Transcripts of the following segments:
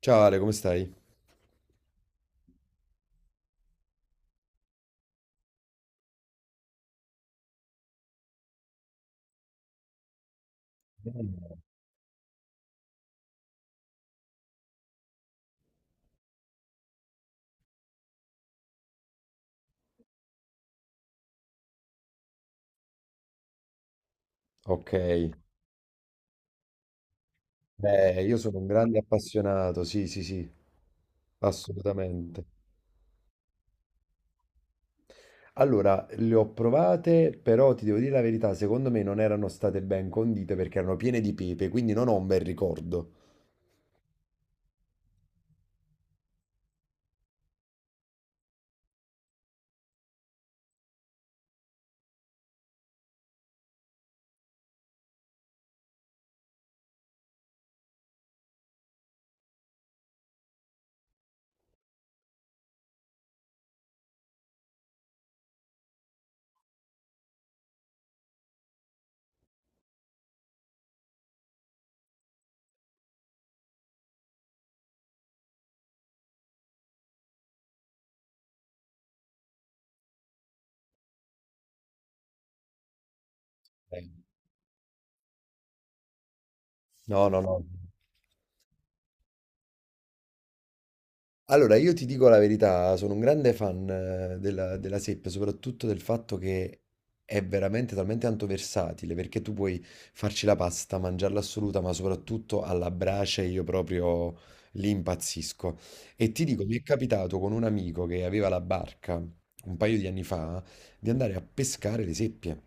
Ciao Ale, come stai? Bene. Ok, beh, io sono un grande appassionato, sì, sì, sì, assolutamente. Allora, le ho provate, però ti devo dire la verità, secondo me non erano state ben condite perché erano piene di pepe, quindi non ho un bel ricordo. Eh. No, no, no. Allora, io ti dico la verità, sono un grande fan della, della seppia, soprattutto del fatto che è veramente talmente tanto versatile, perché tu puoi farci la pasta, mangiarla assoluta, ma soprattutto alla brace io proprio lì impazzisco. E ti dico, mi è capitato con un amico che aveva la barca un paio di anni fa di andare a pescare le seppie,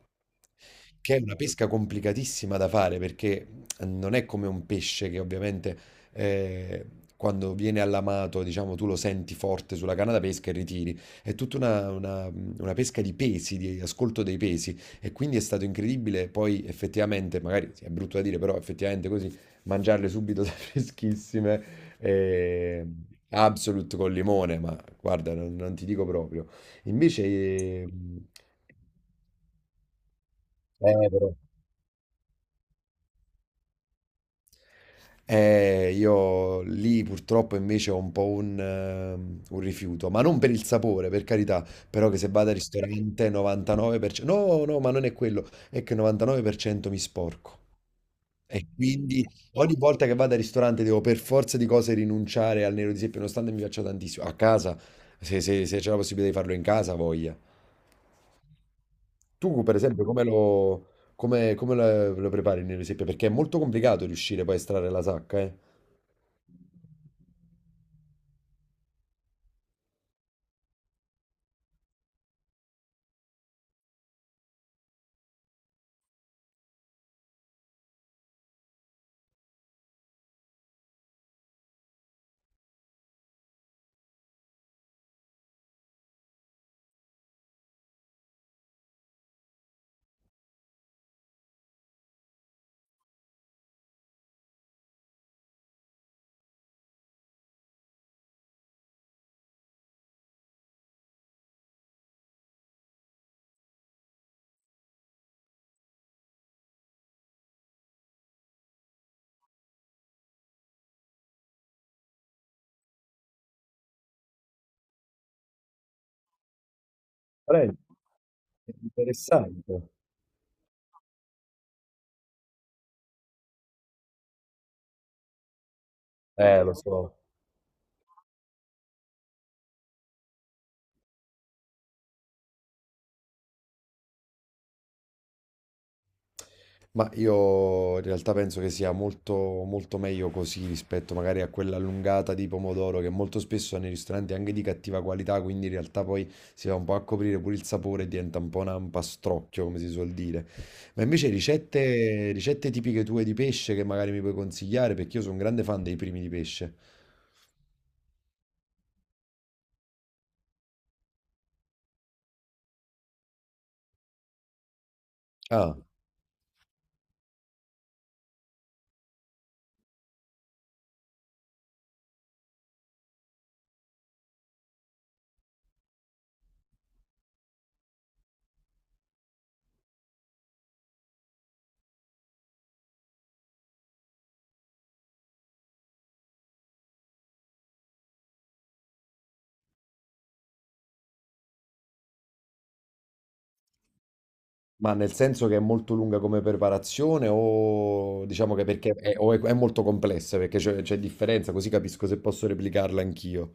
che è una pesca complicatissima da fare, perché non è come un pesce che ovviamente eh, quando viene allamato, diciamo, tu lo senti forte sulla canna da pesca e ritiri. È tutta una pesca di pesi, di ascolto dei pesi, e quindi è stato incredibile poi effettivamente, magari sì, è brutto da dire, però effettivamente così mangiarle subito da freschissime. eh, Absolute col limone, ma guarda, non, non ti dico proprio. Invece, però. Io lì purtroppo invece ho un po' un rifiuto, ma non per il sapore, per carità, però che se vado al ristorante 99%, no, no, ma non è quello, è che 99% mi sporco. E quindi ogni volta che vado al ristorante devo per forza di cose rinunciare al nero di seppia, nonostante mi piaccia tantissimo. A casa, se c'è la possibilità di farlo in casa, voglia. Tu, per esempio, lo prepari il nero di seppia? Perché è molto complicato riuscire poi a estrarre la sacca, eh? Prendi. Interessante. Lo so. Ma io in realtà penso che sia molto, molto meglio così rispetto magari a quella allungata di pomodoro che molto spesso nei ristoranti è anche di cattiva qualità, quindi in realtà poi si va un po' a coprire pure il sapore e diventa un po' un ampastrocchio, come si suol dire. Ma invece ricette tipiche tue di pesce che magari mi puoi consigliare, perché io sono un grande fan dei primi di pesce. Ah. Ma nel senso che è molto lunga come preparazione o diciamo che perché è molto complessa, perché c'è differenza, così capisco se posso replicarla anch'io.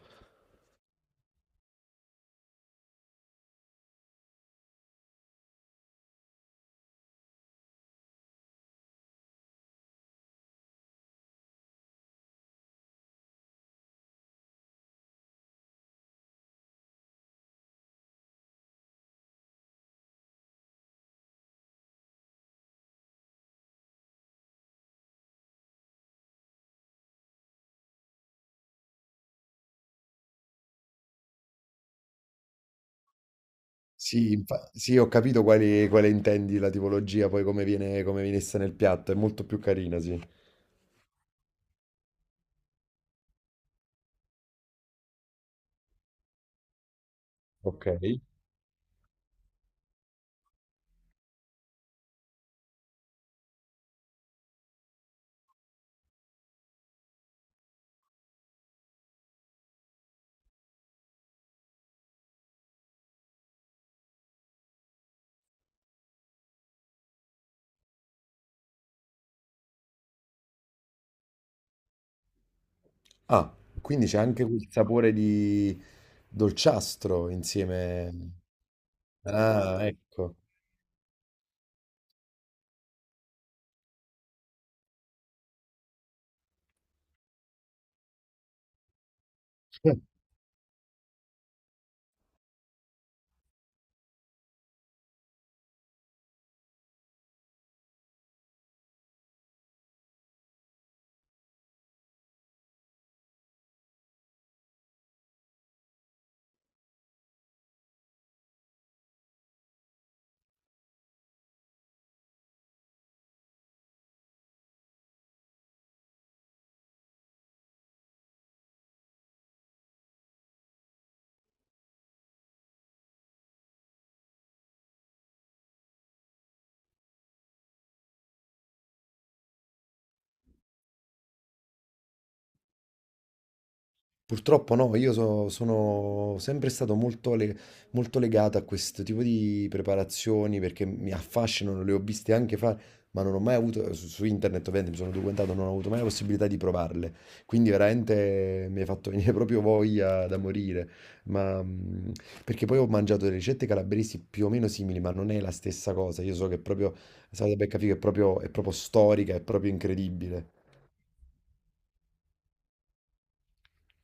Sì, ho capito quale intendi la tipologia, poi come viene messa nel piatto, è molto più carina, sì. Ok. Ah, quindi c'è anche quel sapore di dolciastro insieme. Ah, ecco. Purtroppo no, sono sempre stato molto legato a questo tipo di preparazioni perché mi affascinano, le ho viste anche fare, ma non ho mai avuto, su internet ovviamente mi sono documentato, non ho avuto mai la possibilità di provarle, quindi veramente mi hai fatto venire proprio voglia da morire, ma, perché poi ho mangiato delle ricette calabresi più o meno simili, ma non è la stessa cosa, io so che è proprio, la salata beccafico è proprio storica, è proprio incredibile.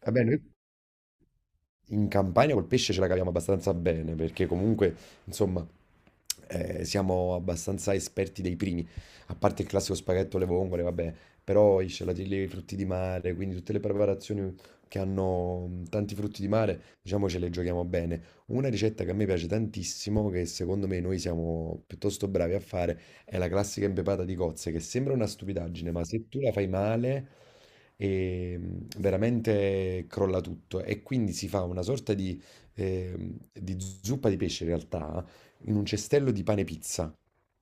Va bene. In Campania col pesce ce la caviamo abbastanza bene perché comunque, insomma, siamo abbastanza esperti dei primi, a parte il classico spaghetto alle vongole, vabbè, però i scialatelli, i frutti di mare, quindi tutte le preparazioni che hanno tanti frutti di mare, diciamo ce le giochiamo bene. Una ricetta che a me piace tantissimo, che secondo me noi siamo piuttosto bravi a fare, è la classica impepata di cozze che sembra una stupidaggine, ma se tu la fai male, veramente crolla tutto. E quindi si fa una sorta di zuppa di pesce, in realtà, in un cestello di pane pizza.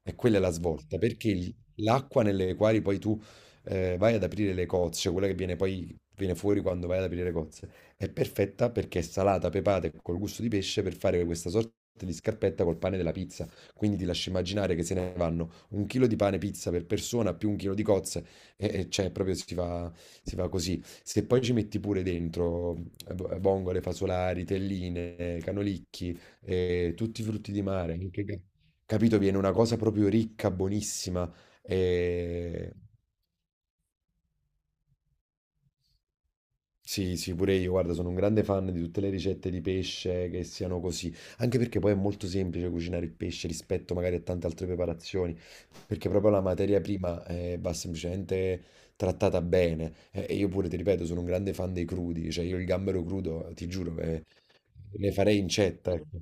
E quella è la svolta, perché l'acqua nelle quali poi tu vai ad aprire le cozze, cioè quella che viene poi viene fuori quando vai ad aprire le cozze, è perfetta perché è salata, pepata e col gusto di pesce per fare questa sorta di scarpetta col pane della pizza. Quindi ti lascio immaginare che se ne vanno un chilo di pane pizza per persona più un chilo di cozze e cioè proprio si fa così. Se poi ci metti pure dentro vongole, fasolari, telline, canolicchi, tutti i frutti di mare, capito? Viene una cosa proprio ricca, buonissima. E... Sì, sì, pure io, guarda, sono un grande fan di tutte le ricette di pesce che siano così, anche perché poi è molto semplice cucinare il pesce rispetto magari a tante altre preparazioni, perché proprio la materia prima va semplicemente trattata bene. E io pure, ti ripeto, sono un grande fan dei crudi, cioè io il gambero crudo, ti giuro, ne farei incetta, ecco.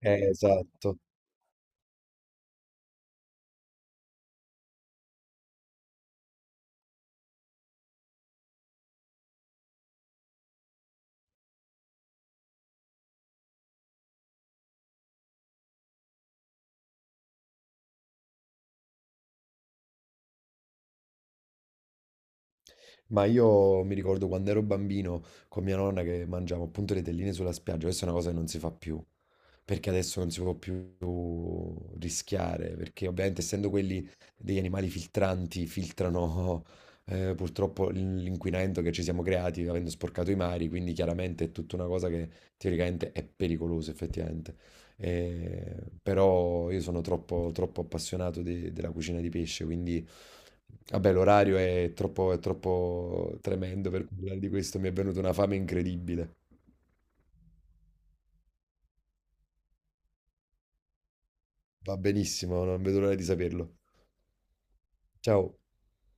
Esatto. Ma io mi ricordo quando ero bambino con mia nonna che mangiavo appunto le telline sulla spiaggia, questa è una cosa che non si fa più, perché adesso non si può più rischiare, perché ovviamente essendo quelli degli animali filtranti, filtrano purtroppo l'inquinamento che ci siamo creati avendo sporcato i mari, quindi chiaramente è tutta una cosa che teoricamente è pericolosa effettivamente. Eh, però io sono troppo, troppo appassionato della cucina di pesce, quindi vabbè, l'orario è troppo tremendo per parlare di questo, mi è venuta una fame incredibile. Va benissimo, non vedo l'ora di saperlo. Ciao.